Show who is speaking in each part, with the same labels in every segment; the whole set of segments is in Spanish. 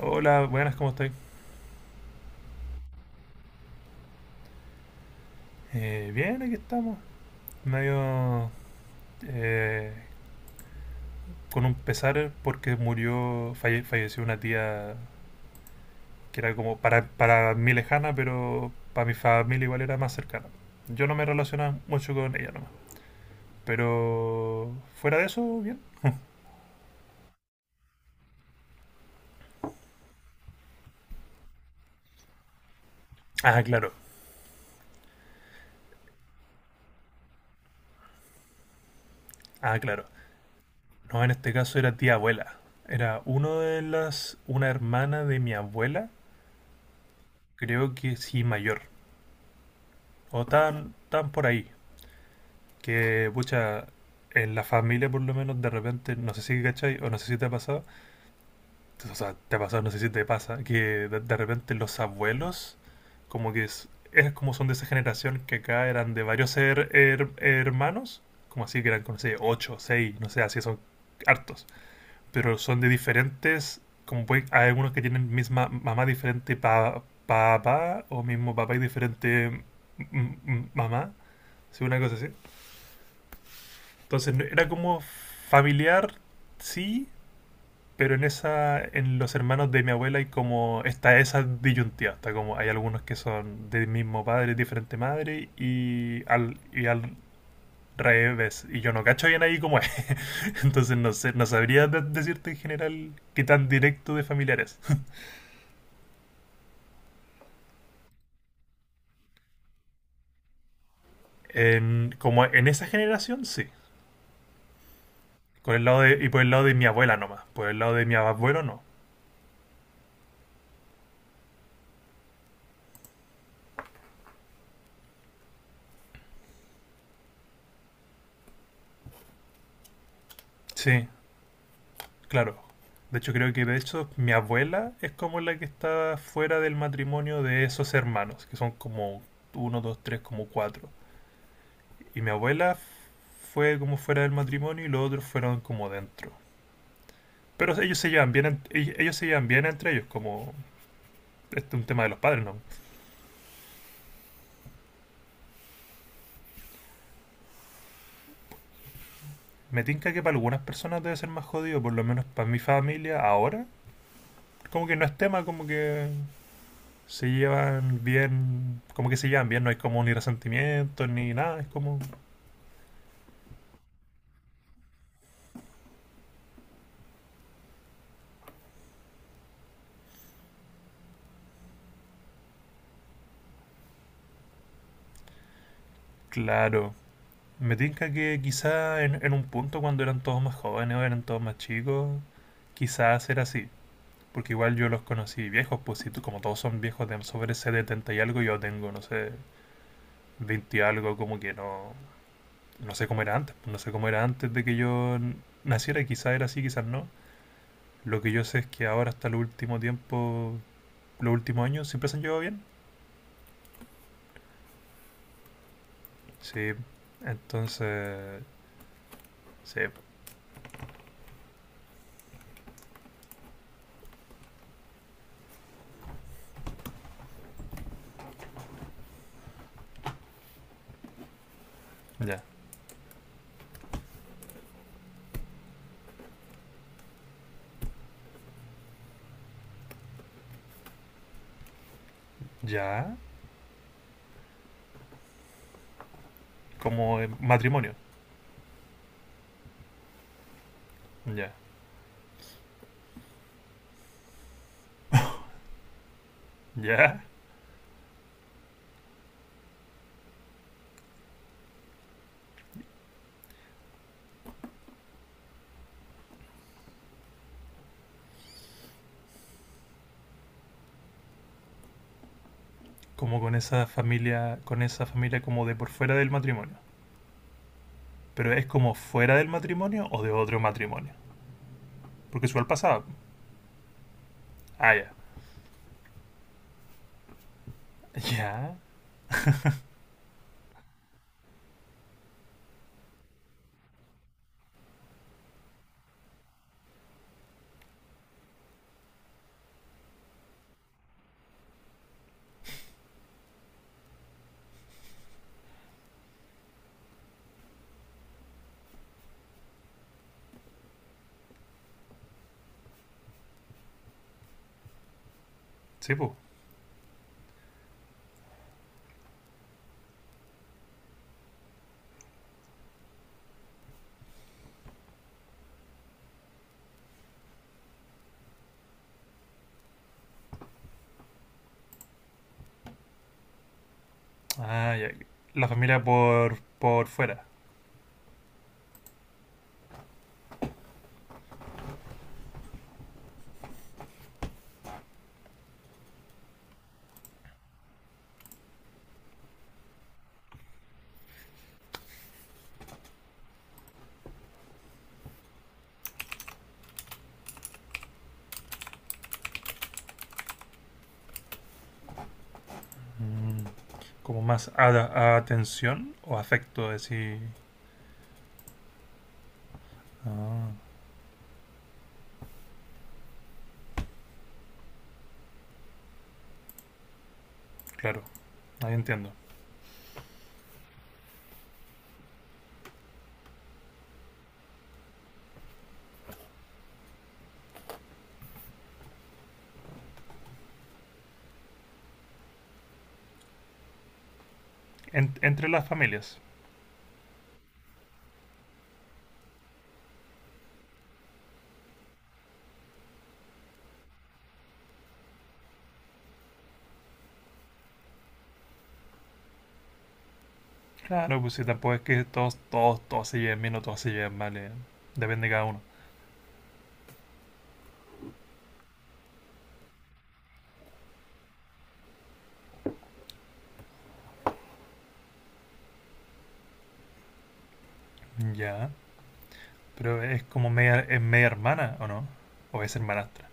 Speaker 1: Hola, buenas, ¿cómo estoy? Bien, aquí estamos. Medio, eh, con un pesar porque murió, falleció una tía que era como para mí lejana, pero para mi familia igual era más cercana. Yo no me relacionaba mucho con ella nomás. Pero fuera de eso, bien. Ah, claro. Ah, claro. No, en este caso era tía abuela. Era una hermana de mi abuela, creo que sí mayor. O tan por ahí. Que, pucha, en la familia por lo menos de repente, no sé si cachai o no sé si te ha pasado, o sea, te ha pasado, no sé si te pasa, que de repente los abuelos, como que es como son de esa generación que acá eran de varios hermanos, como así que eran, no sé, ocho, seis, no sé, así son hartos, pero son de diferentes, como pueden, hay algunos que tienen misma mamá diferente papá o mismo papá y diferente mm, mamá, si una cosa así. Entonces era como familiar, sí, pero en en los hermanos de mi abuela hay como está esa disyuntiva, está como hay algunos que son del mismo padre, diferente madre y al revés. Y yo no cacho bien ahí cómo es, entonces no sé, no sabría decirte en general qué tan directo de familiares. Como en esa generación sí, por el y por el lado de mi abuela nomás, por el lado de mi abuelo no. Sí, claro. De hecho, creo que de hecho mi abuela es como la que está fuera del matrimonio de esos hermanos, que son como uno, dos, tres, como cuatro. Y mi abuela fue como fuera del matrimonio y los otros fueron como dentro. Pero ellos se llevan bien, ellos se llevan bien entre ellos, como este es un tema de los padres, ¿no? Me tinca que para algunas personas debe ser más jodido, por lo menos para mi familia ahora. Como que no es tema, como que se llevan bien, como que se llevan bien, no hay como ni resentimiento ni nada, es como. Claro, me tinca que quizá en un punto cuando eran todos más jóvenes o eran todos más chicos, quizás era así, porque igual yo los conocí viejos, pues si como todos son viejos de sobre ese 70 y algo, yo tengo, no sé, 20 y algo, como que no, no sé cómo era antes, pues, no sé cómo era antes de que yo naciera, quizás era así, quizás no. Lo que yo sé es que ahora hasta el último tiempo, los últimos años, siempre se han llevado bien. Sí, entonces, sí, ya, ya, como matrimonio, ya. ¿Ya? Como con esa familia como de por fuera del matrimonio. Pero es como fuera del matrimonio o de otro matrimonio. Porque eso igual pasaba. Ah, ya. Ya. Sí, pues. Ah, ya. La familia por fuera. Mm. Como más atención o afecto, decir. Ah, claro. Ahí entiendo. En- entre las familias. Claro, pues si tampoco es que todos, todos, todos se lleven bien o todos se lleven mal. Depende de cada uno. Ya. Pero es como media, es media hermana, ¿o no? O es hermanastra.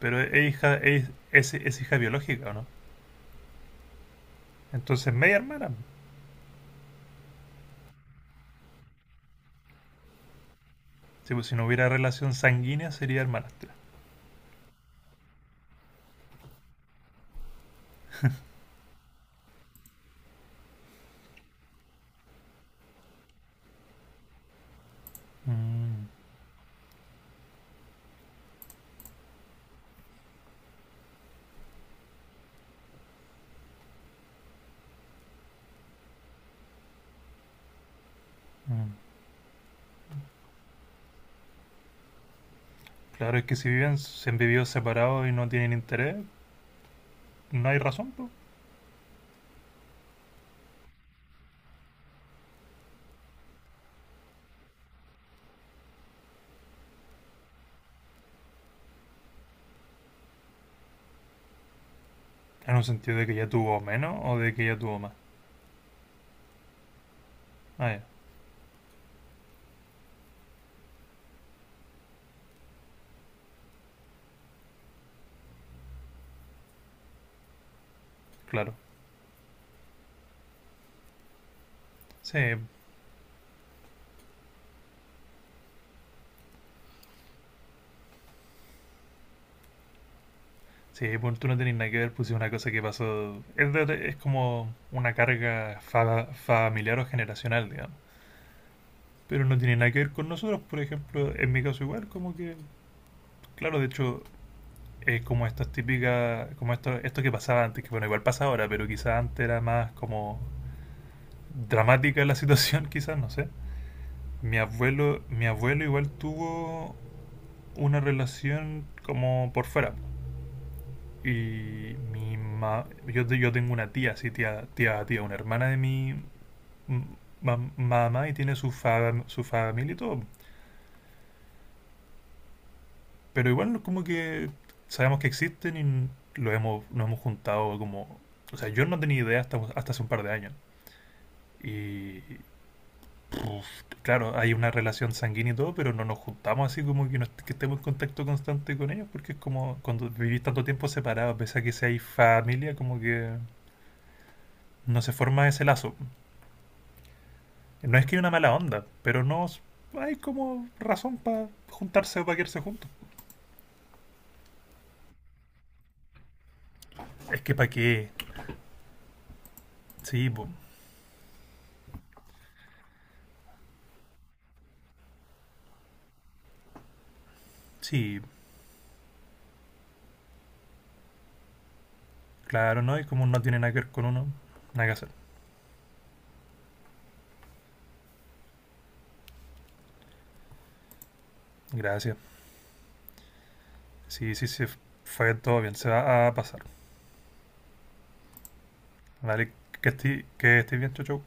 Speaker 1: Pero es hija, es hija biológica, ¿o no? Entonces media hermana. Sí, pues, si no hubiera relación sanguínea sería hermanastra. Mm, mm. Claro, es que si viven, se han vivido separados y no tienen interés, no hay razón, po. En un sentido de que ella tuvo menos o de que ella tuvo más. Ah, ya, claro. Sí, sí, pues tú no tenés nada que ver, pues si es una cosa que pasó. Es, es como una carga familiar o generacional, digamos. Pero no tiene nada que ver con nosotros, por ejemplo, en mi caso igual, como que, claro, de hecho, es como estas típicas, como esto que pasaba antes, que bueno, igual pasa ahora, pero quizás antes era más como dramática la situación, quizás, no sé. Mi abuelo igual tuvo una relación como por fuera. Y mi ma yo, te- yo tengo una tía, así tía, tía, tía, una hermana de mi m- mamá y tiene su familia y todo. Pero igual como que sabemos que existen y lo hemos, nos hemos juntado como... O sea, yo no tenía idea hasta hace un par de años. Y puf, claro, hay una relación sanguínea y todo, pero no nos juntamos así como que, que estemos en contacto constante con ellos, porque es como cuando vivís tanto tiempo separado, pese a que seáis familia, como que no se forma ese lazo. No es que hay una mala onda, pero no s- hay como razón para juntarse o para quedarse juntos. Es que para qué, sí, po, sí, claro, ¿no? Y como no tiene nada que ver con uno, nada que hacer. Gracias. Sí, sí, sí. Fue todo bien. Se va a pasar. Vale, que estés bien, chau, chau.